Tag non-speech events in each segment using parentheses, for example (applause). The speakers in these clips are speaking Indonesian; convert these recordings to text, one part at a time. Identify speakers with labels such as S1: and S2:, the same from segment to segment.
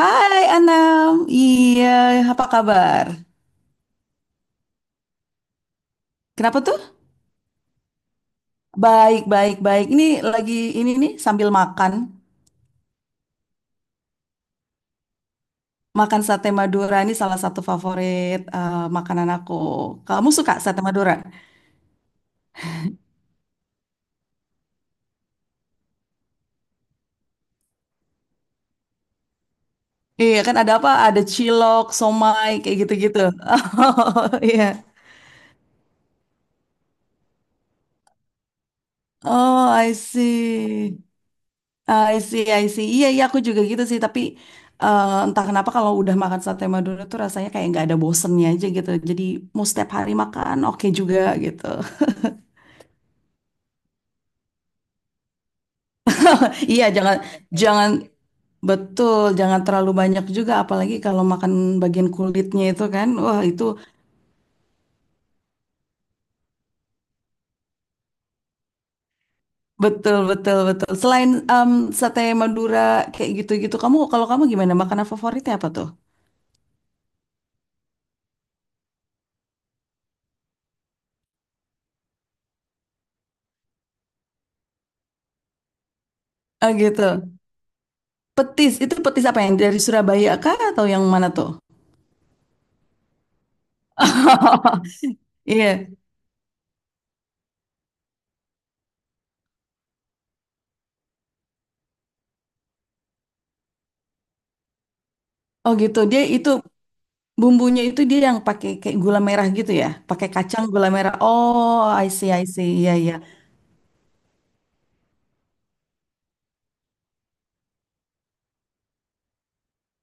S1: Hai Anam, iya apa kabar? Kenapa tuh? Baik, baik, baik. Lagi ini nih sambil makan. Makan sate Madura ini salah satu favorit makanan aku. Kamu suka sate Madura? Iya kan ada apa? Ada cilok, somai, kayak gitu-gitu. (laughs) Oh iya. Oh, I see. Ah, I see, I see. Iya, iya, aku juga gitu sih. Tapi entah kenapa kalau udah makan sate Madura tuh rasanya kayak nggak ada bosennya aja gitu. Jadi mau setiap hari makan, oke juga gitu. (laughs) Iya, jangan, jangan, betul, jangan terlalu banyak juga. Apalagi kalau makan bagian kulitnya itu kan, wah itu betul, betul, betul. Selain sate Madura kayak gitu-gitu, kalau kamu gimana? Makanan favoritnya apa tuh? Oh gitu. Petis, itu petis apa yang dari Surabaya kah atau yang mana tuh? (laughs) Iya. Oh gitu. Dia itu bumbunya itu dia yang pakai kayak gula merah gitu ya. Pakai kacang gula merah. Oh, I see, I see. Iya, iya.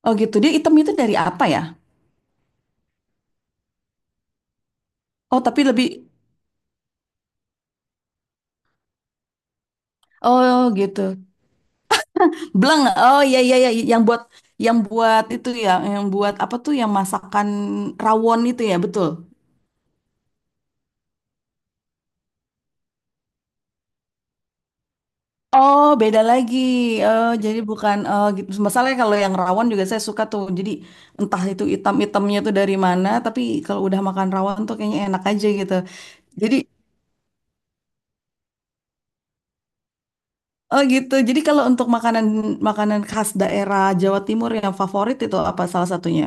S1: Oh gitu. Dia hitam itu dari apa ya? Oh, tapi lebih. Oh gitu. Bleng. Oh iya, iya, iya, yang buat itu ya, yang buat apa tuh yang masakan rawon itu ya, betul. Oh, beda lagi. Oh, jadi bukan, oh gitu. Masalahnya kalau yang rawon juga saya suka tuh. Jadi entah itu hitam-hitamnya tuh dari mana, tapi kalau udah makan rawon tuh kayaknya enak aja gitu. Jadi oh gitu. Jadi kalau untuk makanan makanan khas daerah Jawa Timur yang favorit itu apa salah satunya?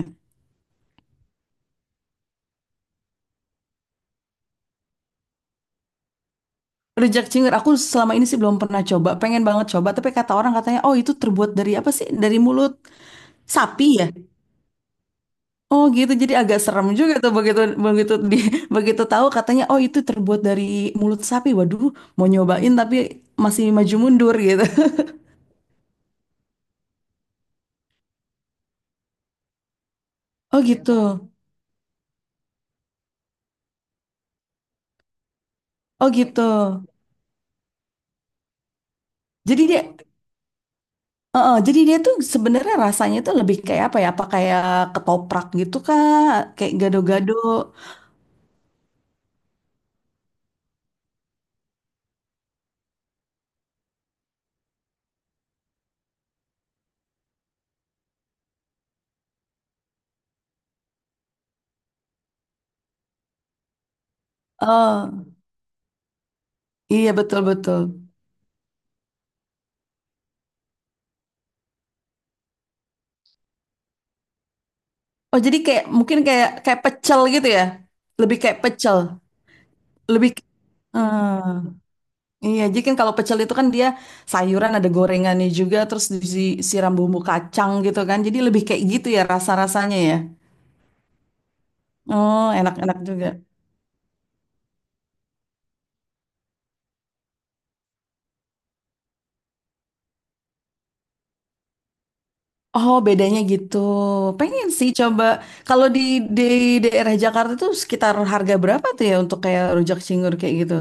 S1: Rujak cingur. Aku selama ini sih belum pernah coba. Pengen banget coba, tapi kata orang katanya, oh itu terbuat dari apa sih? Dari mulut sapi ya? Oh gitu. Jadi agak serem juga tuh begitu begitu di (laughs) begitu tahu katanya, oh itu terbuat dari mulut sapi. Waduh, mau nyobain tapi masih maju mundur gitu. (laughs) Oh gitu. Oh gitu. Jadi dia Heeh, jadi dia tuh sebenarnya rasanya tuh lebih kayak apa ya? Apa kayak ketoprak gitu kah? Kayak gado-gado. Oh, iya, betul-betul. Oh, jadi kayak mungkin kayak kayak pecel gitu ya? Lebih kayak pecel. Lebih Hmm, iya, jadi kan kalau pecel itu kan dia sayuran ada gorengannya juga terus disiram bumbu kacang gitu kan. Jadi lebih kayak gitu ya rasa-rasanya ya. Oh, enak-enak juga. Oh, bedanya gitu. Pengen sih coba kalau di daerah Jakarta tuh sekitar harga berapa tuh ya untuk kayak rujak cingur kayak gitu?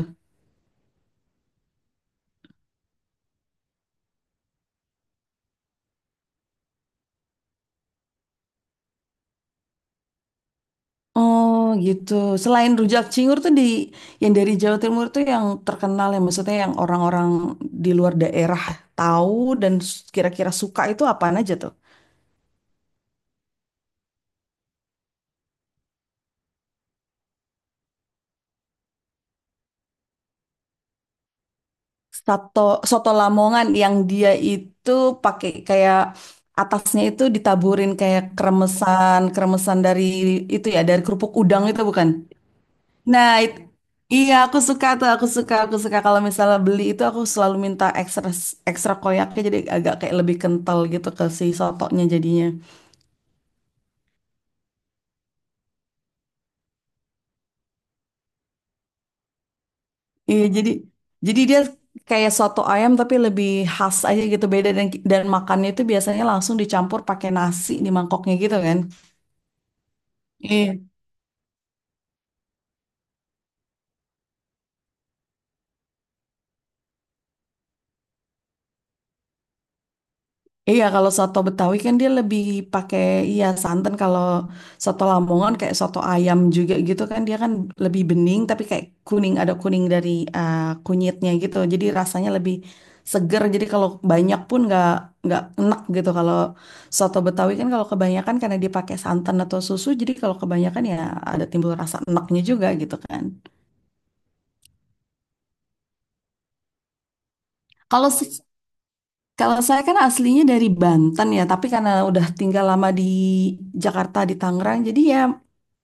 S1: Oh, gitu. Selain rujak cingur tuh yang dari Jawa Timur tuh yang terkenal ya, maksudnya yang orang-orang di luar daerah tahu dan kira-kira suka itu apaan aja tuh? Soto soto Lamongan yang dia itu pakai kayak atasnya itu ditaburin kayak kremesan, dari itu ya, dari kerupuk udang itu bukan? Nah, iya aku suka tuh, aku suka kalau misalnya beli itu aku selalu minta ekstra, koyaknya jadi agak kayak lebih kental gitu ke si sotonya jadinya. Iya, jadi dia kayak soto ayam tapi lebih khas aja gitu beda, dan makannya itu biasanya langsung dicampur pakai nasi di mangkoknya gitu kan. Iya. Iya, kalau soto Betawi kan dia lebih pakai, iya, santan. Kalau soto Lamongan kayak soto ayam juga gitu kan, dia kan lebih bening tapi kayak kuning, ada kuning dari eh, kunyitnya gitu. Jadi rasanya lebih seger. Jadi kalau banyak pun nggak enak gitu. Kalau soto Betawi kan kalau kebanyakan karena dia pakai santan atau susu, jadi kalau kebanyakan ya ada timbul rasa enaknya juga gitu kan. Kalau se- Kalau saya kan aslinya dari Banten ya, tapi karena udah tinggal lama di Jakarta, di Tangerang, jadi ya,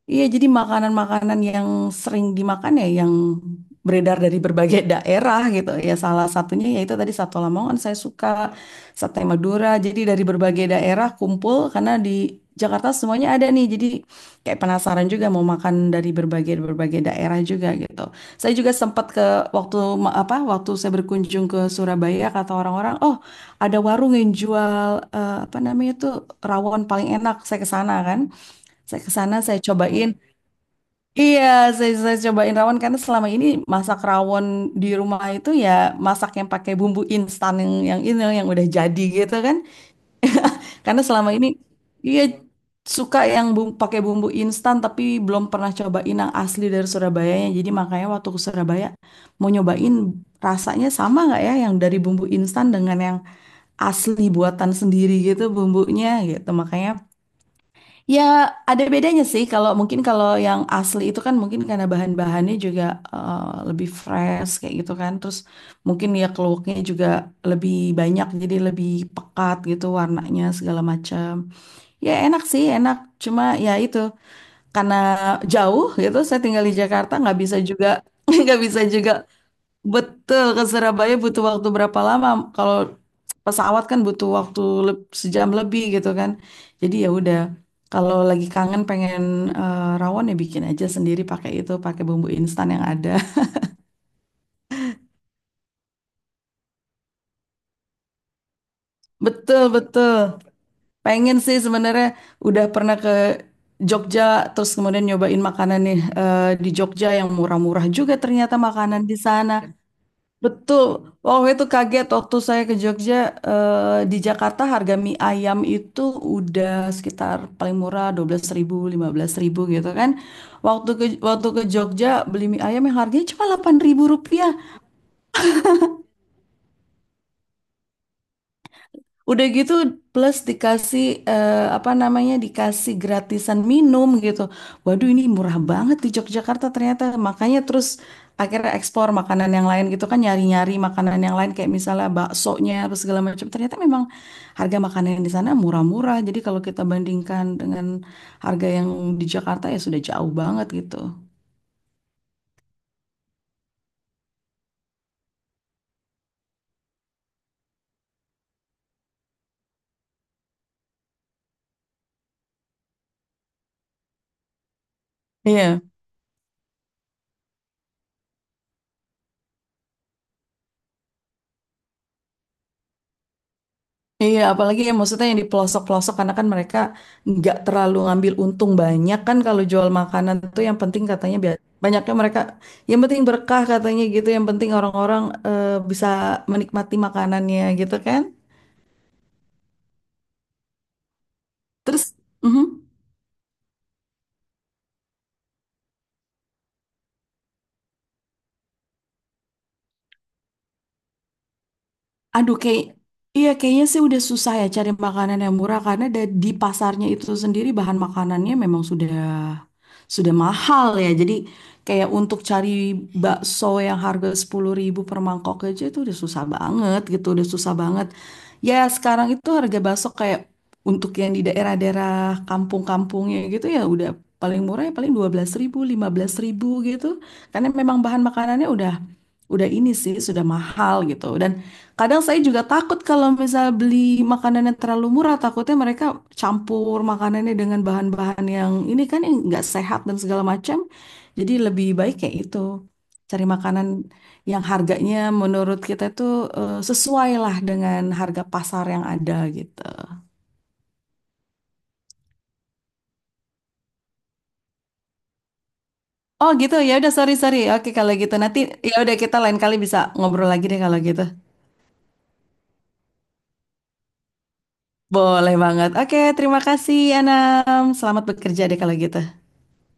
S1: iya, jadi makanan-makanan yang sering dimakan ya yang beredar dari berbagai (laughs) daerah gitu. Ya salah satunya yaitu tadi Soto Lamongan saya suka, sate Madura. Jadi dari berbagai daerah kumpul karena di Jakarta semuanya ada nih. Jadi kayak penasaran juga mau makan dari berbagai berbagai daerah juga gitu. Saya juga sempat ke apa waktu saya berkunjung ke Surabaya kata orang-orang, "Oh, ada warung yang jual apa namanya itu rawon paling enak." Saya ke sana kan. Saya ke sana, saya cobain. Iya, saya cobain rawon karena selama ini masak rawon di rumah itu ya masak yang pakai bumbu instan yang ini yang udah jadi gitu kan. Karena selama ini iya suka yang pakai bumbu instan tapi belum pernah cobain yang asli dari Surabayanya. Jadi makanya waktu ke Surabaya mau nyobain rasanya sama nggak ya yang dari bumbu instan dengan yang asli buatan sendiri gitu bumbunya gitu. Makanya ya, ada bedanya sih. Kalau yang asli itu kan mungkin karena bahan-bahannya juga eh, lebih fresh kayak gitu kan. Terus mungkin ya keluaknya juga lebih banyak jadi lebih pekat gitu warnanya segala macam. Ya enak sih, enak. Cuma ya itu karena jauh gitu. Saya tinggal di Jakarta nggak bisa juga (laughs) nggak bisa juga, betul, ke Surabaya butuh waktu berapa lama? Kalau pesawat kan butuh waktu sejam lebih gitu kan. Jadi ya udah, kalau lagi kangen pengen rawon ya bikin aja sendiri pakai itu, pakai bumbu instan yang ada. (laughs) Betul, betul. Pengen sih sebenarnya udah pernah ke Jogja terus kemudian nyobain makanan nih di Jogja yang murah-murah juga ternyata makanan di sana. Betul, waktu itu kaget waktu saya ke Jogja, di Jakarta harga mie ayam itu udah sekitar paling murah 12.000, 15.000 gitu kan. Waktu ke Jogja beli mie ayam yang harganya cuma Rp8.000. Udah gitu plus dikasih, apa namanya, dikasih gratisan minum gitu. Waduh, ini murah banget di Yogyakarta ternyata. Makanya terus akhirnya ekspor makanan yang lain gitu kan, nyari-nyari makanan yang lain kayak misalnya baksonya, apa segala macam. Ternyata memang harga makanan yang di sana murah-murah. Jadi kalau kita bandingkan dengan harga yang di Jakarta ya sudah jauh banget gitu. Iya. Iya, apalagi ya maksudnya yang di pelosok-pelosok karena kan mereka nggak terlalu ngambil untung banyak kan kalau jual makanan tuh yang penting katanya banyaknya mereka, yang penting berkah katanya gitu, yang penting orang-orang eh, bisa menikmati makanannya gitu kan. Terus, mhm. Aduh, kayak, iya, kayaknya sih udah susah ya cari makanan yang murah karena di pasarnya itu sendiri bahan makanannya memang sudah mahal ya. Jadi kayak untuk cari bakso yang harga 10.000 per mangkok aja itu udah susah banget gitu, udah susah banget. Ya, sekarang itu harga bakso kayak untuk yang di daerah-daerah kampung-kampungnya gitu ya udah paling murah ya paling 12.000, 15.000 gitu. Karena memang bahan makanannya udah ini sih sudah mahal gitu. Dan kadang saya juga takut kalau misal beli makanan yang terlalu murah, takutnya mereka campur makanannya dengan bahan-bahan yang ini kan yang nggak sehat dan segala macam. Jadi lebih baik kayak itu. Cari makanan yang harganya menurut kita itu sesuai lah dengan harga pasar yang ada gitu. Oh gitu, ya udah, sorry, sorry. Oke kalau gitu nanti ya udah kita lain kali bisa ngobrol lagi deh kalau gitu. Boleh banget. Oke, terima kasih Anam. Selamat bekerja deh kalau gitu.